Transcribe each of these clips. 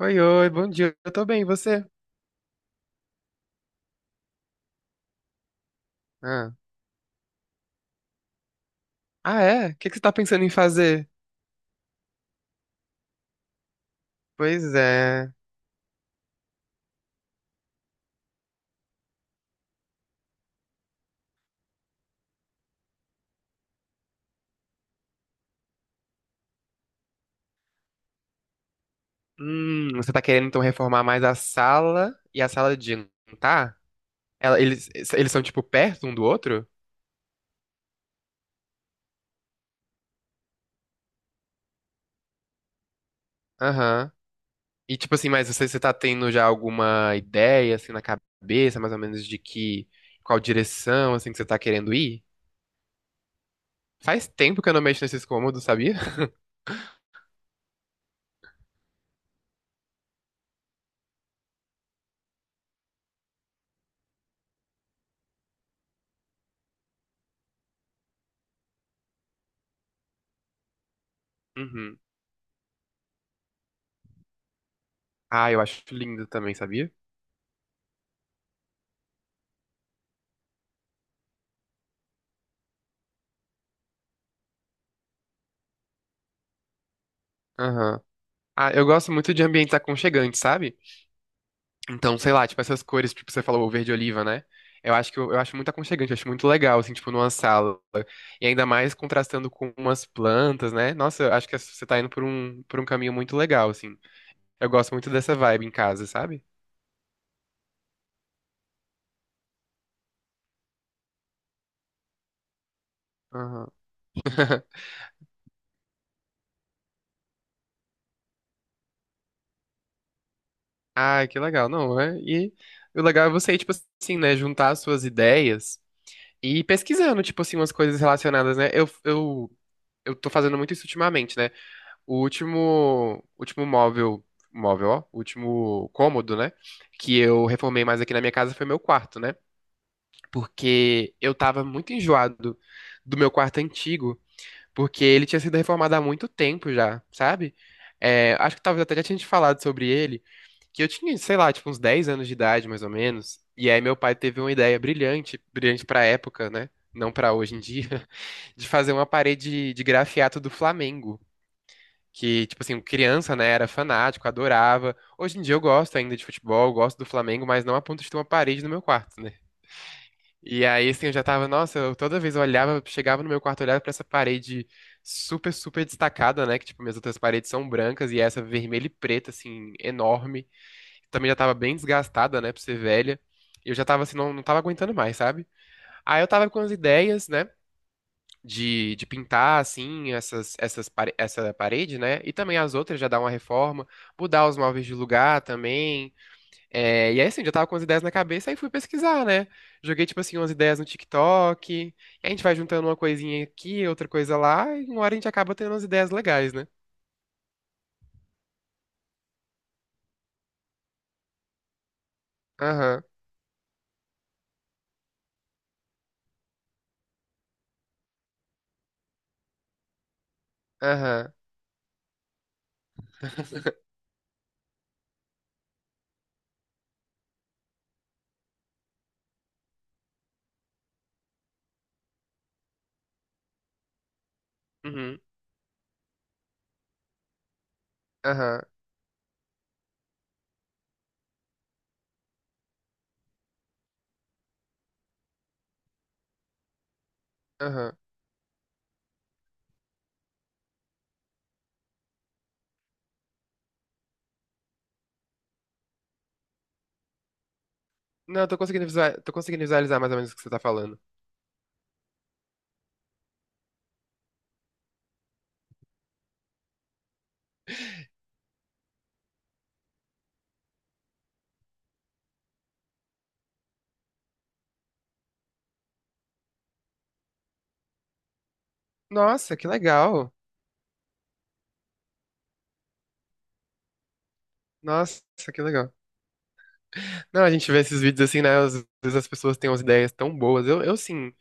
Oi, bom dia. Eu tô bem, e você? Ah, ah é? O que que você tá pensando em fazer? Pois é. Você tá querendo então reformar mais a sala e a sala de jantar? Ela- eles, eles são tipo perto um do outro? Aham. E tipo assim, mas você tá tendo já alguma ideia assim na cabeça, mais ou menos de que qual direção assim que você tá querendo ir? Faz tempo que eu não mexo nesses cômodos, sabia? Uhum. Ah, eu acho lindo também, sabia? Aham. Ah, eu gosto muito de ambientes aconchegantes, sabe? Então, sei lá, tipo essas cores, tipo você falou, o verde oliva, né? Eu acho que eu acho muito aconchegante, eu acho muito legal, assim, tipo, numa sala. E ainda mais contrastando com umas plantas, né? Nossa, eu acho que você tá indo por por um caminho muito legal, assim. Eu gosto muito dessa vibe em casa, sabe? Aham. Ah, que legal. Não, é. E o legal é você, tipo assim, né, juntar as suas ideias e ir pesquisando, tipo assim, umas coisas relacionadas, né? Eu tô fazendo muito isso ultimamente, né? O último ó, o último cômodo, né, que eu reformei mais aqui na minha casa foi meu quarto, né? Porque eu tava muito enjoado do meu quarto antigo, porque ele tinha sido reformado há muito tempo já, sabe? É, acho que talvez até já tinha te falado sobre ele. Que eu tinha, sei lá, tipo uns 10 anos de idade, mais ou menos. E aí meu pai teve uma ideia brilhante pra época, né? Não pra hoje em dia, de fazer uma parede de grafiato do Flamengo. Que, tipo assim, criança, né, era fanático, adorava. Hoje em dia eu gosto ainda de futebol, gosto do Flamengo, mas não a ponto de ter uma parede no meu quarto, né? E aí, assim, eu já tava, nossa, eu toda vez eu olhava, chegava no meu quarto, olhava pra essa parede super destacada, né? Que, tipo, minhas outras paredes são brancas e essa vermelha e preta, assim, enorme também já tava bem desgastada, né, por ser velha. E eu já tava assim, não tava aguentando mais, sabe? Aí eu tava com as ideias, né, de pintar, assim, essa parede, né? E também as outras, já dar uma reforma, mudar os móveis de lugar também. É, e aí, assim, já tava com as ideias na cabeça, aí fui pesquisar, né? Joguei, tipo assim, umas ideias no TikTok. E a gente vai juntando uma coisinha aqui, outra coisa lá, e uma hora a gente acaba tendo umas ideias legais, né? Aham, aham. Uhum, aham, aham. Não, eu tô conseguindo visualizar mais ou menos o que você tá falando. Nossa, que legal. Nossa, que legal. Não, a gente vê esses vídeos assim, né? Às vezes as pessoas têm umas ideias tão boas. Eu sim.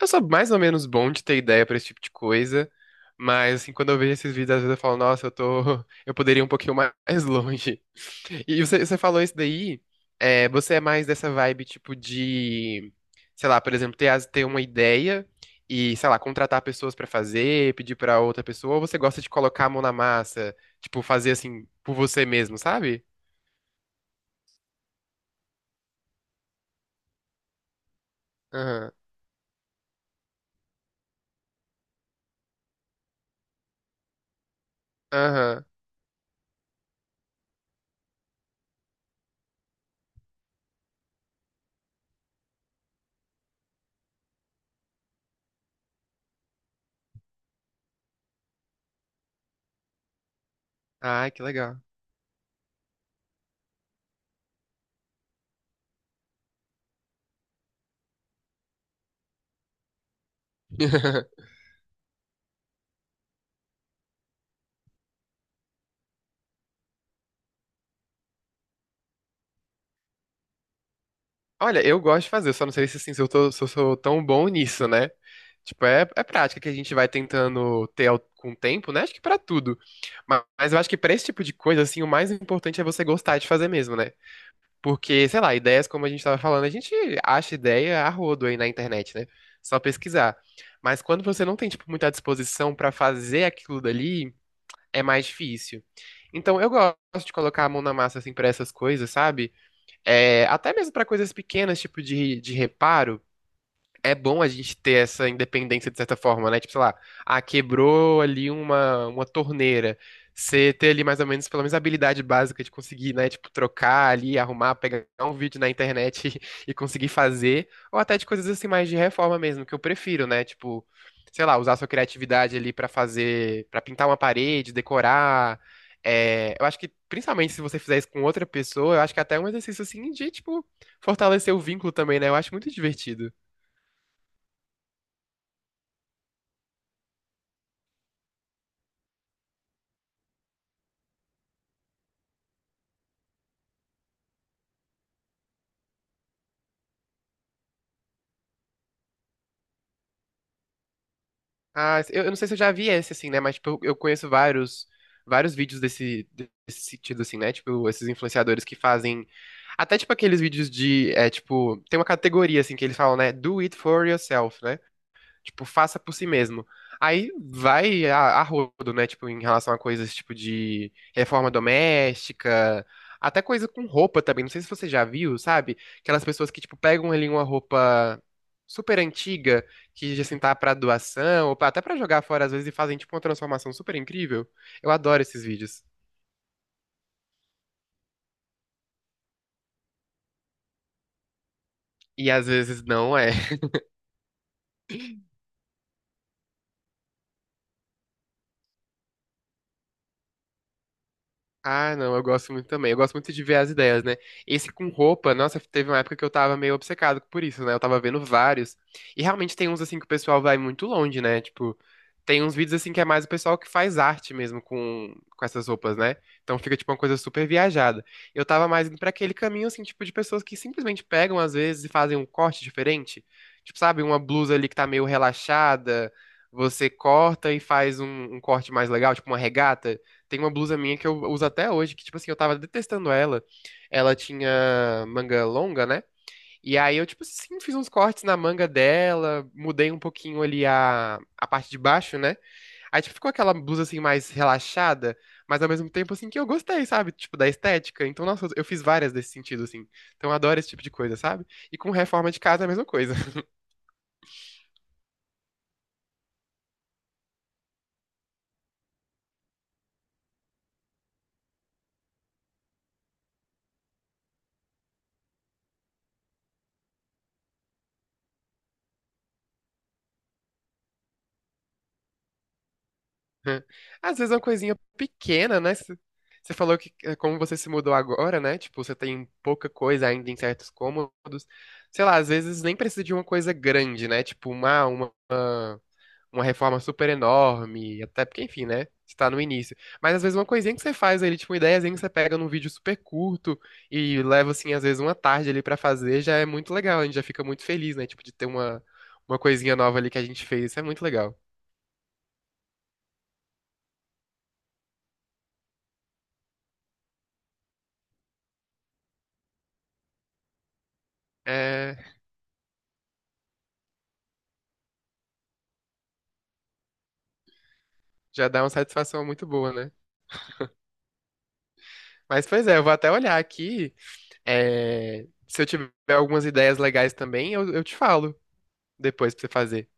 Eu sou mais ou menos bom de ter ideia pra esse tipo de coisa, mas assim, quando eu vejo esses vídeos, às vezes eu falo, nossa, eu tô, eu poderia ir um pouquinho mais longe. E você falou isso daí, é, você é mais dessa vibe tipo de, sei lá, por exemplo, ter uma ideia e, sei lá, contratar pessoas pra fazer, pedir pra outra pessoa, ou você gosta de colocar a mão na massa, tipo, fazer assim por você mesmo, sabe? Aham. Aham. Ai, que legal. Olha, eu gosto de fazer, só não sei se, assim, se eu tô- se eu sou tão bom nisso, né? Tipo, é prática que a gente vai tentando com o tempo, né? Acho que pra tudo. Mas eu acho que pra esse tipo de coisa, assim, o mais importante é você gostar de fazer mesmo, né? Porque, sei lá, ideias, como a gente tava falando, a gente acha ideia a rodo aí na internet, né? Só pesquisar. Mas quando você não tem, tipo, muita disposição pra fazer aquilo dali, é mais difícil. Então, eu gosto de colocar a mão na massa, assim, pra essas coisas, sabe? É, até mesmo para coisas pequenas, tipo de reparo é bom a gente ter essa independência de certa forma, né? Tipo, sei lá, ah, quebrou ali uma torneira. Você ter ali mais ou menos, pelo menos, a habilidade básica de conseguir, né? Tipo, trocar ali, arrumar, pegar um vídeo na internet e conseguir fazer. Ou até de coisas assim, mais de reforma mesmo, que eu prefiro, né? Tipo, sei lá, usar sua criatividade ali pra fazer, pra pintar uma parede, decorar. É, eu acho que, principalmente se você fizer isso com outra pessoa, eu acho que até é até um exercício assim de, tipo, fortalecer o vínculo também, né? Eu acho muito divertido. Ah, eu não sei se eu já vi esse, assim, né? Mas, tipo, eu conheço vários vídeos desse sentido, assim, né? Tipo, esses influenciadores que fazem. Até, tipo, aqueles vídeos de. É, tipo, tem uma categoria, assim, que eles falam, né? Do it for yourself, né? Tipo, faça por si mesmo. Aí vai a rodo, né? Tipo, em relação a coisas tipo de reforma doméstica, até coisa com roupa também. Não sei se você já viu, sabe? Aquelas pessoas que, tipo, pegam ali uma roupa super antiga, que assim tá pra até pra jogar fora às vezes e fazem, tipo, uma transformação super incrível. Eu adoro esses vídeos. E às vezes não é. Ah, não, eu gosto muito também. Eu gosto muito de ver as ideias, né? Esse com roupa, nossa, teve uma época que eu tava meio obcecado por isso, né? Eu tava vendo vários. E realmente tem uns assim que o pessoal vai muito longe, né? Tipo, tem uns vídeos assim que é mais o pessoal que faz arte mesmo com essas roupas, né? Então fica tipo uma coisa super viajada. Eu tava mais indo pra aquele caminho assim, tipo, de pessoas que simplesmente pegam às vezes e fazem um corte diferente. Tipo, sabe, uma blusa ali que tá meio relaxada, você corta e faz um corte mais legal, tipo uma regata. Tem uma blusa minha que eu uso até hoje, que, tipo assim, eu tava detestando ela. Ela tinha manga longa, né? E aí eu, tipo assim, fiz uns cortes na manga dela, mudei um pouquinho ali a parte de baixo, né? Aí, tipo, ficou aquela blusa, assim, mais relaxada, mas ao mesmo tempo, assim, que eu gostei, sabe? Tipo, da estética. Então, nossa, eu fiz várias desse sentido, assim. Então, eu adoro esse tipo de coisa, sabe? E com reforma de casa é a mesma coisa. Às vezes é uma coisinha pequena, né? Você falou que como você se mudou agora, né? Tipo, você tem pouca coisa ainda em certos cômodos. Sei lá, às vezes nem precisa de uma coisa grande, né? Tipo, uma reforma super enorme. Até porque, enfim, né? Você tá no início. Mas às vezes uma coisinha que você faz ali, tipo, uma ideiazinha que você pega num vídeo super curto e leva, assim, às vezes uma tarde ali pra fazer, já é muito legal. A gente já fica muito feliz, né? Tipo, de ter uma coisinha nova ali que a gente fez. Isso é muito legal. É, já dá uma satisfação muito boa, né? Mas, pois é, eu vou até olhar aqui. É, se eu tiver algumas ideias legais também, eu te falo depois pra você fazer.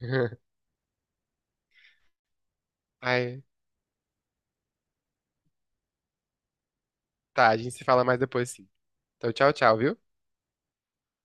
Aí, tá, a gente se fala mais depois, sim. Então, tchau, tchau, viu?